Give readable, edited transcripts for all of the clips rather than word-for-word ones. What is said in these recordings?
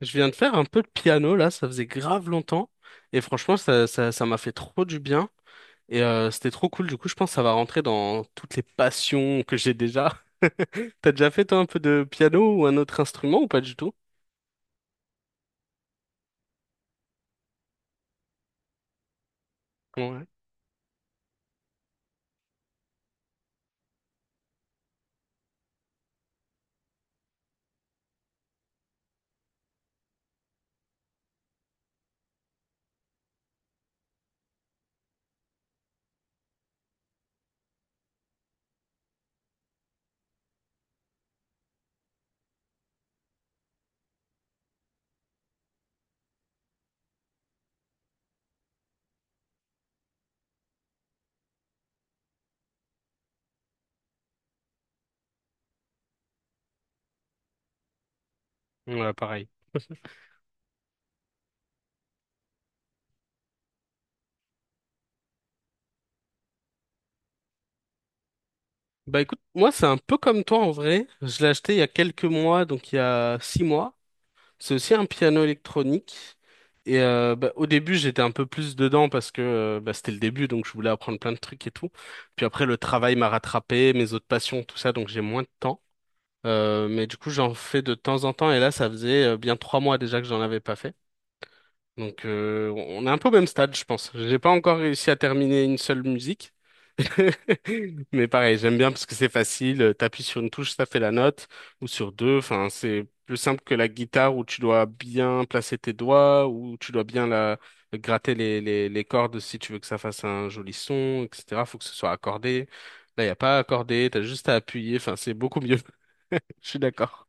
Je viens de faire un peu de piano là, ça faisait grave longtemps et franchement ça m'a fait trop du bien et c'était trop cool. Du coup, je pense que ça va rentrer dans toutes les passions que j'ai déjà. T'as déjà fait toi un peu de piano ou un autre instrument ou pas du tout? Ouais, ouais, pareil. Bah écoute, moi c'est un peu comme toi en vrai. Je l'ai acheté il y a quelques mois, donc il y a six mois. C'est aussi un piano électronique. Et bah, au début, j'étais un peu plus dedans parce que bah, c'était le début, donc je voulais apprendre plein de trucs et tout. Puis après, le travail m'a rattrapé, mes autres passions, tout ça, donc j'ai moins de temps. Mais du coup, j'en fais de temps en temps. Et là, ça faisait bien trois mois déjà que j'en avais pas fait. Donc, on est un peu au même stade, je pense. J'ai pas encore réussi à terminer une seule musique. Mais pareil, j'aime bien parce que c'est facile. T'appuies sur une touche, ça fait la note, ou sur deux. Enfin, c'est plus simple que la guitare où tu dois bien placer tes doigts, où tu dois bien la gratter les cordes si tu veux que ça fasse un joli son, etc. Faut que ce soit accordé. Là, y a pas à accorder, t'as juste à appuyer. Enfin, c'est beaucoup mieux. Je suis d'accord.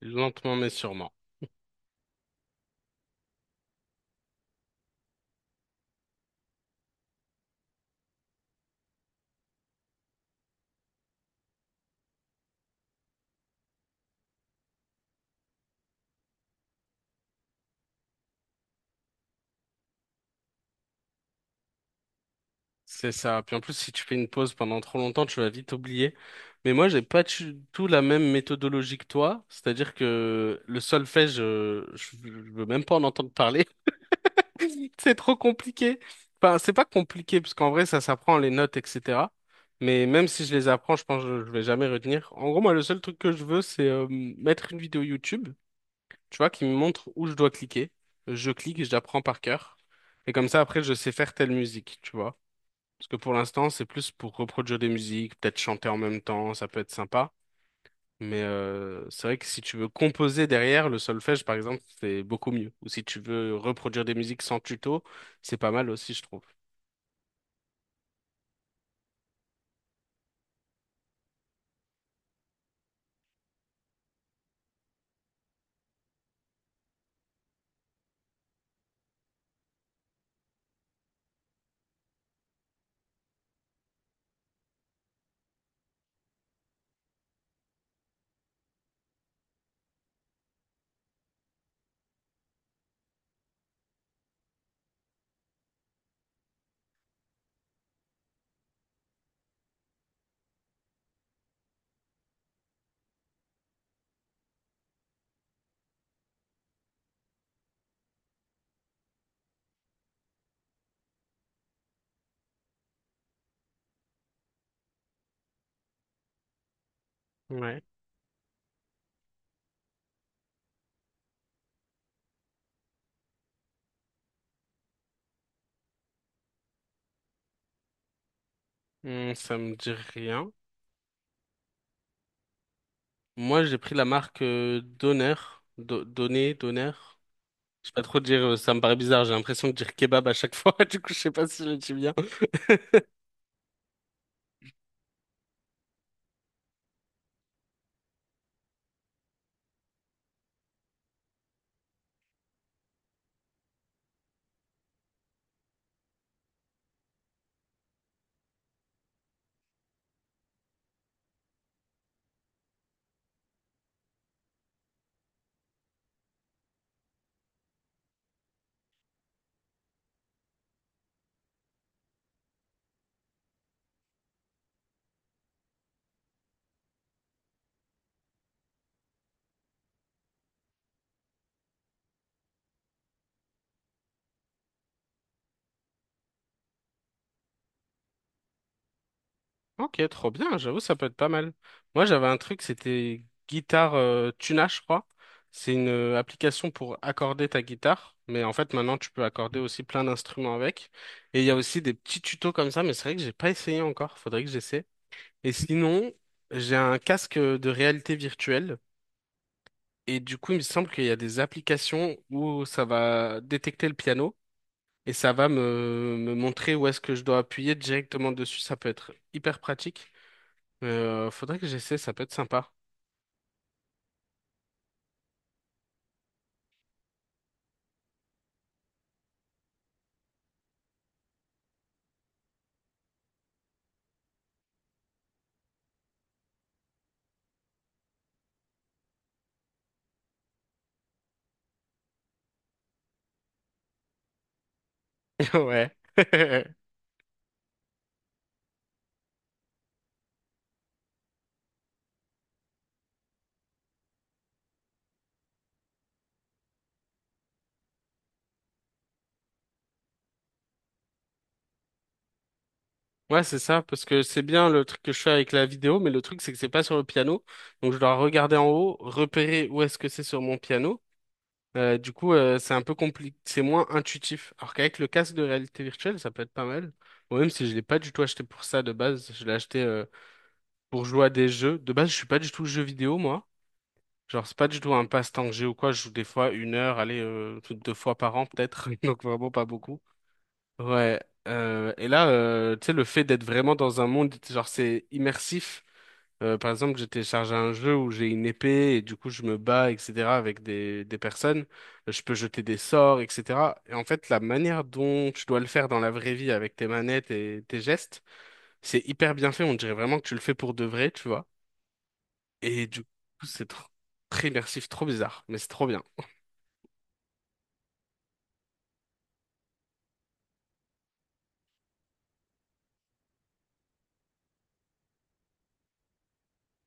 Lentement mais sûrement. C'est ça. Puis en plus, si tu fais une pause pendant trop longtemps, tu vas vite oublier. Mais moi, j'ai pas du tout la même méthodologie que toi. C'est-à-dire que le solfège, je veux même pas en entendre parler. C'est trop compliqué. Enfin, c'est pas compliqué, parce qu'en vrai, ça s'apprend les notes, etc. Mais même si je les apprends, je pense que je vais jamais retenir. En gros, moi, le seul truc que je veux, c'est mettre une vidéo YouTube, tu vois, qui me montre où je dois cliquer. Je clique et je l'apprends par cœur. Et comme ça, après, je sais faire telle musique, tu vois. Parce que pour l'instant, c'est plus pour reproduire des musiques, peut-être chanter en même temps, ça peut être sympa. Mais c'est vrai que si tu veux composer derrière, le solfège, par exemple, c'est beaucoup mieux. Ou si tu veux reproduire des musiques sans tuto, c'est pas mal aussi, je trouve. Ouais. Hmm, ça me dit rien. Moi, j'ai pris la marque Donner. Donner. Je sais pas trop dire, ça me paraît bizarre, j'ai l'impression de dire kebab à chaque fois, du coup, je sais pas si je le dis bien. Ok, trop bien, j'avoue, ça peut être pas mal. Moi, j'avais un truc, c'était Guitare Tuna, je crois. C'est une application pour accorder ta guitare, mais en fait, maintenant, tu peux accorder aussi plein d'instruments avec. Et il y a aussi des petits tutos comme ça, mais c'est vrai que j'ai pas essayé encore, faudrait que j'essaie. Et sinon, j'ai un casque de réalité virtuelle, et du coup, il me semble qu'il y a des applications où ça va détecter le piano, et ça va me montrer où est-ce que je dois appuyer directement dessus, ça peut être hyper pratique. Faudrait que j'essaie, ça peut être sympa. Ouais. Ouais, c'est ça, parce que c'est bien le truc que je fais avec la vidéo, mais le truc c'est que c'est pas sur le piano. Donc je dois regarder en haut, repérer où est-ce que c'est sur mon piano. Du coup, c'est un peu compliqué, c'est moins intuitif. Alors qu'avec le casque de réalité virtuelle, ça peut être pas mal. Ou même si je l'ai pas du tout acheté pour ça de base, je l'ai acheté pour jouer à des jeux. De base, je suis pas du tout jeu vidéo, moi. Genre, c'est pas du tout un passe-temps que j'ai ou quoi. Je joue des fois une heure, allez, deux fois par an peut-être, donc vraiment pas beaucoup. Ouais, et là, tu sais, le fait d'être vraiment dans un monde, genre, c'est immersif. Par exemple, j'ai téléchargé un jeu où j'ai une épée et du coup, je me bats, etc., avec des personnes. Je peux jeter des sorts, etc. Et en fait, la manière dont tu dois le faire dans la vraie vie avec tes manettes et tes gestes, c'est hyper bien fait. On dirait vraiment que tu le fais pour de vrai, tu vois. Et du coup, c'est trop, très immersif, trop bizarre, mais c'est trop bien.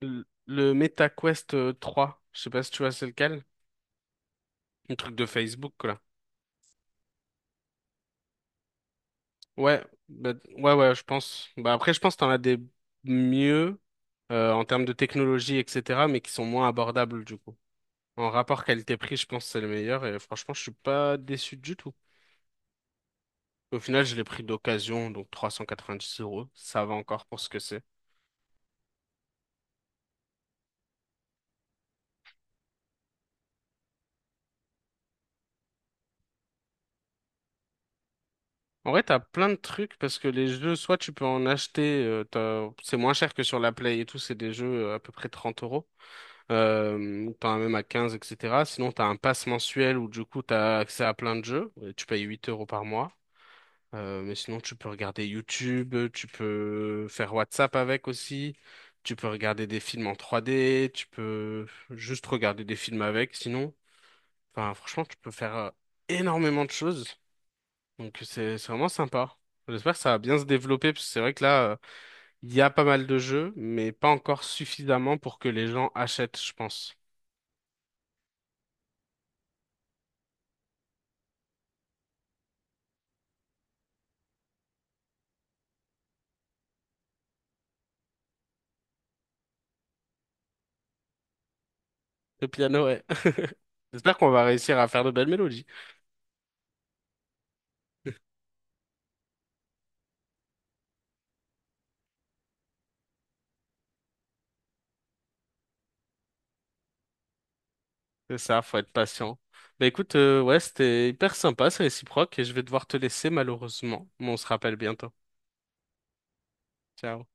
Le Meta Quest 3, je sais pas si tu vois c'est lequel, un truc de Facebook, quoi. Ouais, bah, ouais, je pense. Bah, après, je pense que t'en as des mieux en termes de technologie, etc., mais qui sont moins abordables du coup. En rapport qualité-prix, je pense que c'est le meilleur et franchement, je suis pas déçu du tout. Au final, je l'ai pris d'occasion, donc 390 euros, ça va encore pour ce que c'est. En vrai, t'as plein de trucs parce que les jeux, soit tu peux en acheter, c'est moins cher que sur la Play et tout, c'est des jeux à peu près trente euros. T'en as même à 15, etc. Sinon, t'as un pass mensuel où du coup, t'as accès à plein de jeux. Et tu payes 8 euros par mois. Mais sinon, tu peux regarder YouTube, tu peux faire WhatsApp avec aussi, tu peux regarder des films en 3D, tu peux juste regarder des films avec. Sinon, enfin, franchement, tu peux faire énormément de choses. Donc, c'est vraiment sympa. J'espère que ça va bien se développer parce que c'est vrai que là, il y a pas mal de jeux, mais pas encore suffisamment pour que les gens achètent, je pense. Le piano, ouais. J'espère qu'on va réussir à faire de belles mélodies. C'est ça, faut être patient. Bah écoute, ouais, c'était hyper sympa, c'est réciproque et je vais devoir te laisser malheureusement, mais on se rappelle bientôt. Ciao.